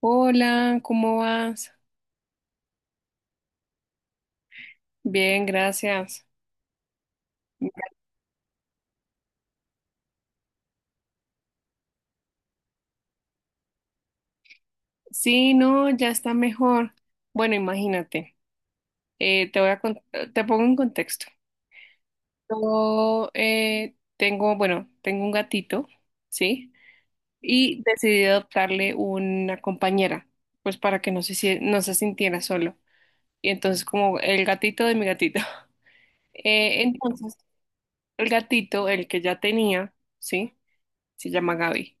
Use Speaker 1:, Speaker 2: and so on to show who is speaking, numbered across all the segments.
Speaker 1: Hola, ¿cómo vas? Bien, gracias. Sí, no, ya está mejor. Bueno, imagínate, te pongo en contexto. Yo bueno, tengo un gatito, ¿sí? Y decidí adoptarle una compañera, pues para que no se sintiera solo. Y entonces como el gatito de mi gatito. Entonces, el gatito, el que ya tenía, ¿sí? Se llama Gaby.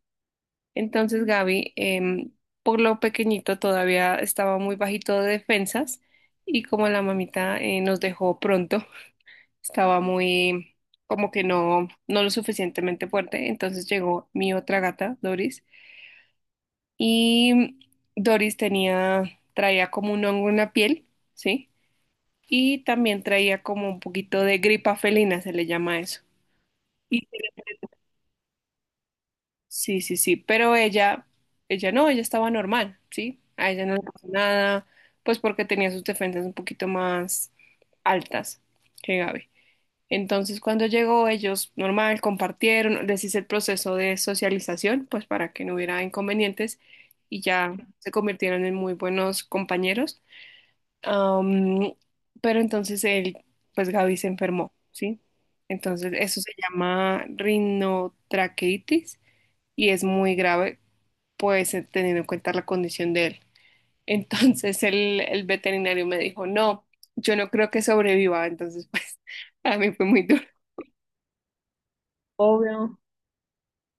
Speaker 1: Entonces Gaby, por lo pequeñito, todavía estaba muy bajito de defensas y como la mamita nos dejó pronto, estaba muy como que no, no lo suficientemente fuerte. Entonces llegó mi otra gata, Doris, y Doris traía como un hongo en la piel, ¿sí? Y también traía como un poquito de gripa felina, se le llama eso. Sí, sí, sí, pero ella no, ella estaba normal, ¿sí? A ella no le pasó nada, pues porque tenía sus defensas un poquito más altas que Gaby. Entonces, cuando llegó, ellos normal compartieron, les hice el proceso de socialización, pues para que no hubiera inconvenientes y ya se convirtieron en muy buenos compañeros. Am, pero entonces pues Gaby se enfermó, ¿sí? Entonces, eso se llama rinotraqueitis y es muy grave pues teniendo en cuenta la condición de él. Entonces el veterinario me dijo, no, yo no creo que sobreviva, entonces pues a mí fue muy duro. Obvio.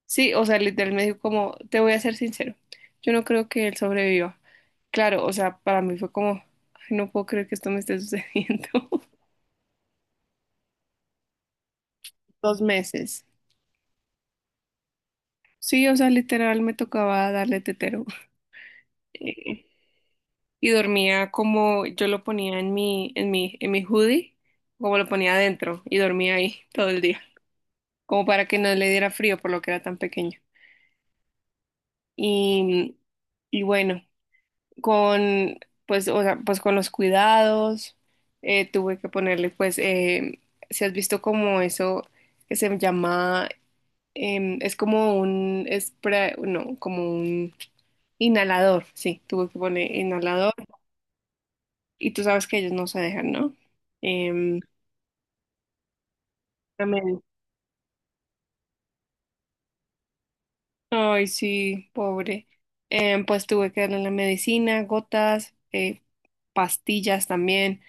Speaker 1: Sí, o sea, literal me dijo como, te voy a ser sincero, yo no creo que él sobreviva. Claro, o sea, para mí fue como, "Ay, no puedo creer que esto me esté sucediendo. 2 meses. Sí, o sea, literal me tocaba darle tetero. Y dormía como yo lo ponía en mi hoodie, como lo ponía adentro y dormía ahí todo el día, como para que no le diera frío por lo que era tan pequeño. Y, y bueno, con, pues, o sea, pues con los cuidados, tuve que ponerle, pues, si has visto como eso que se llama, es como un spray, no, como un inhalador, sí, tuve que poner inhalador y tú sabes que ellos no se dejan, ¿no? Em, Remedio. Ay, sí, pobre. Pues tuve que darle la medicina, gotas, pastillas también.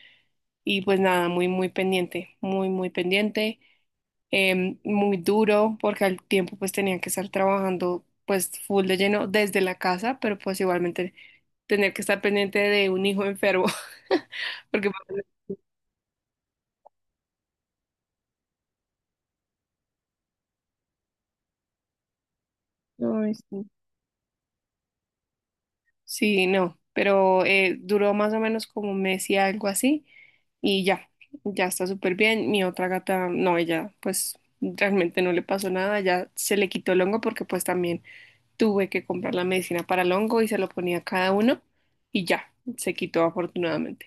Speaker 1: Y pues nada, muy, muy pendiente, muy, muy pendiente. Muy duro, porque al tiempo pues tenía que estar trabajando pues full de lleno desde la casa, pero pues igualmente tener que estar pendiente de un hijo enfermo, porque... Ay, sí. Sí, no, pero duró más o menos como un mes y algo así y ya, ya está súper bien. Mi otra gata, no, ella pues realmente no le pasó nada, ya se le quitó el hongo porque pues también tuve que comprar la medicina para el hongo y se lo ponía a cada uno y ya, se quitó afortunadamente.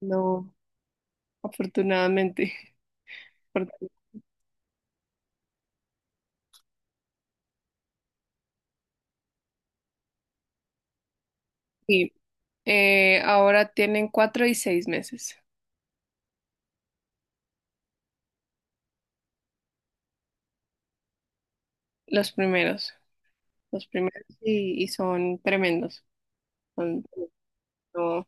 Speaker 1: No, afortunadamente. Porque sí, ahora tienen 4 y 6 meses, los primeros, los primeros y son tremendos. son- no,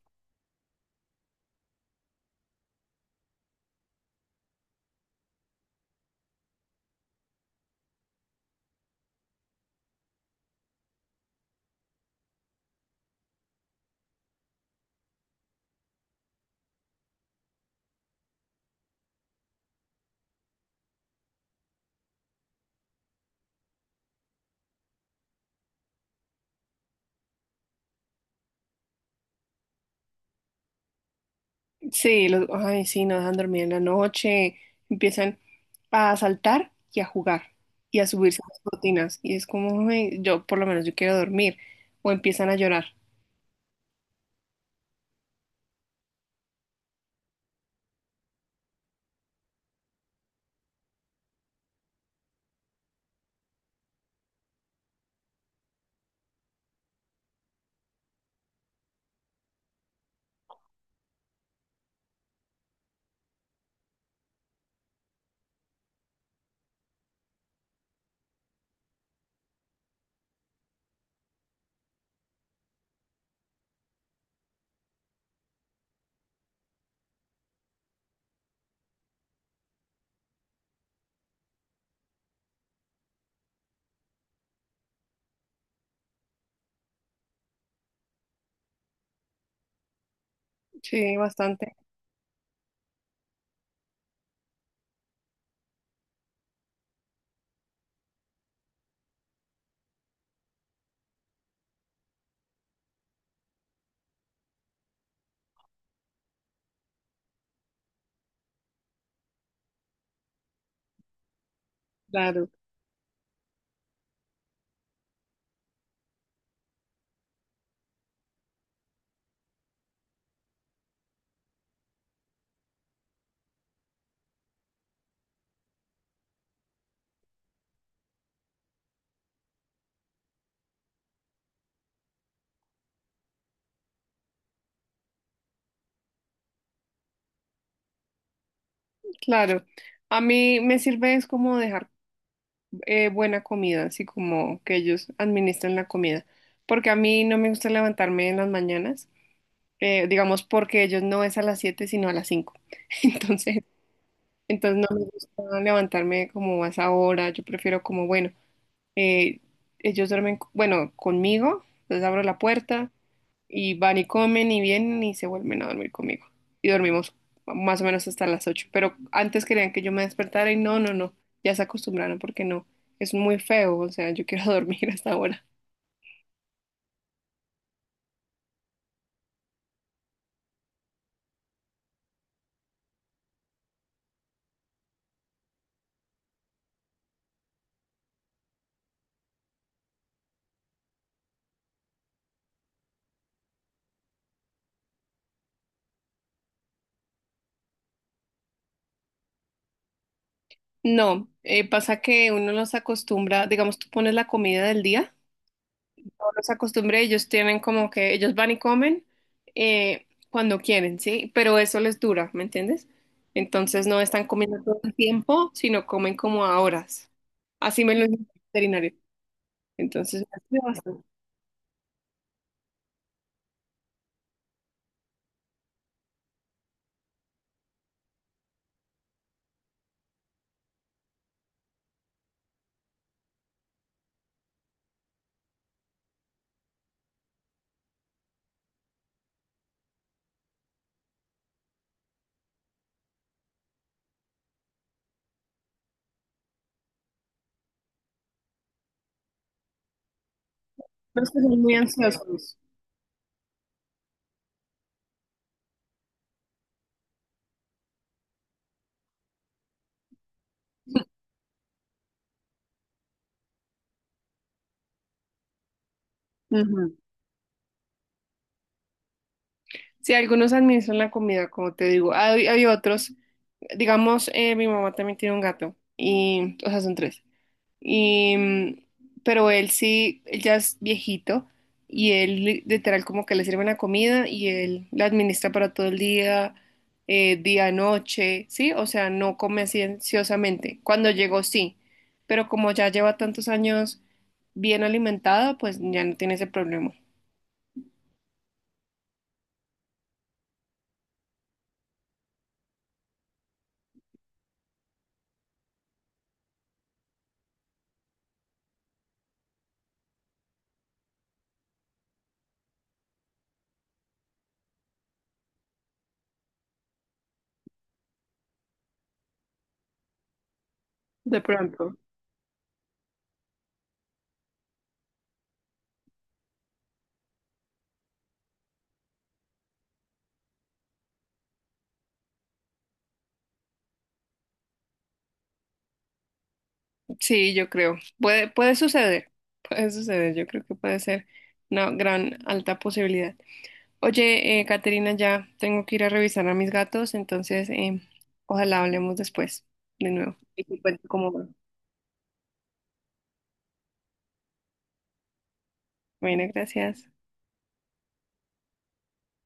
Speaker 1: sí, ay, sí, no dejan dormir en la noche, empiezan a saltar y a jugar y a subirse a las cortinas y es como, "Ay, yo por lo menos yo quiero dormir o empiezan a llorar. Sí, bastante, claro, claro. A mí me sirve es como dejar buena comida, así como que ellos administren la comida, porque a mí no me gusta levantarme en las mañanas, digamos porque ellos no es a las 7 sino a las 5, entonces. Entonces no me gusta levantarme como a esa hora, yo prefiero como, bueno, eh, ellos duermen, bueno, conmigo, les abro la puerta y van y comen y vienen y se vuelven a dormir conmigo. Y dormimos más o menos hasta las 8. Pero antes querían que yo me despertara y no, no, no, ya se acostumbraron porque no, es muy feo, o sea, yo quiero dormir hasta ahora. No, pasa que uno los acostumbra, digamos, tú pones la comida del día. Los acostumbré, ellos tienen como que ellos van y comen cuando quieren, ¿sí? Pero eso les dura, ¿me entiendes? Entonces no están comiendo todo el tiempo, sino comen como a horas. Así me lo dijo el veterinario. Entonces, me ayuda bastante. Los que son muy ansiosos. Ujú. Sí, algunos administran la comida, como te digo. Hay otros, digamos, mi mamá también tiene un gato, y, o sea, son tres. Y, pero él sí, él ya es viejito y él literal como que le sirven la comida y él la administra para todo el día, día, noche, ¿sí? O sea, no come cienciosamente. Cuando llegó sí, pero como ya lleva tantos años bien alimentado, pues ya no tiene ese problema. De pronto. Sí, yo creo. Puede suceder, puede suceder, yo creo que puede ser una gran alta posibilidad. Oye, Caterina, ya tengo que ir a revisar a mis gatos, entonces ojalá hablemos después de nuevo. Y te cuento cómo va. Bueno, gracias.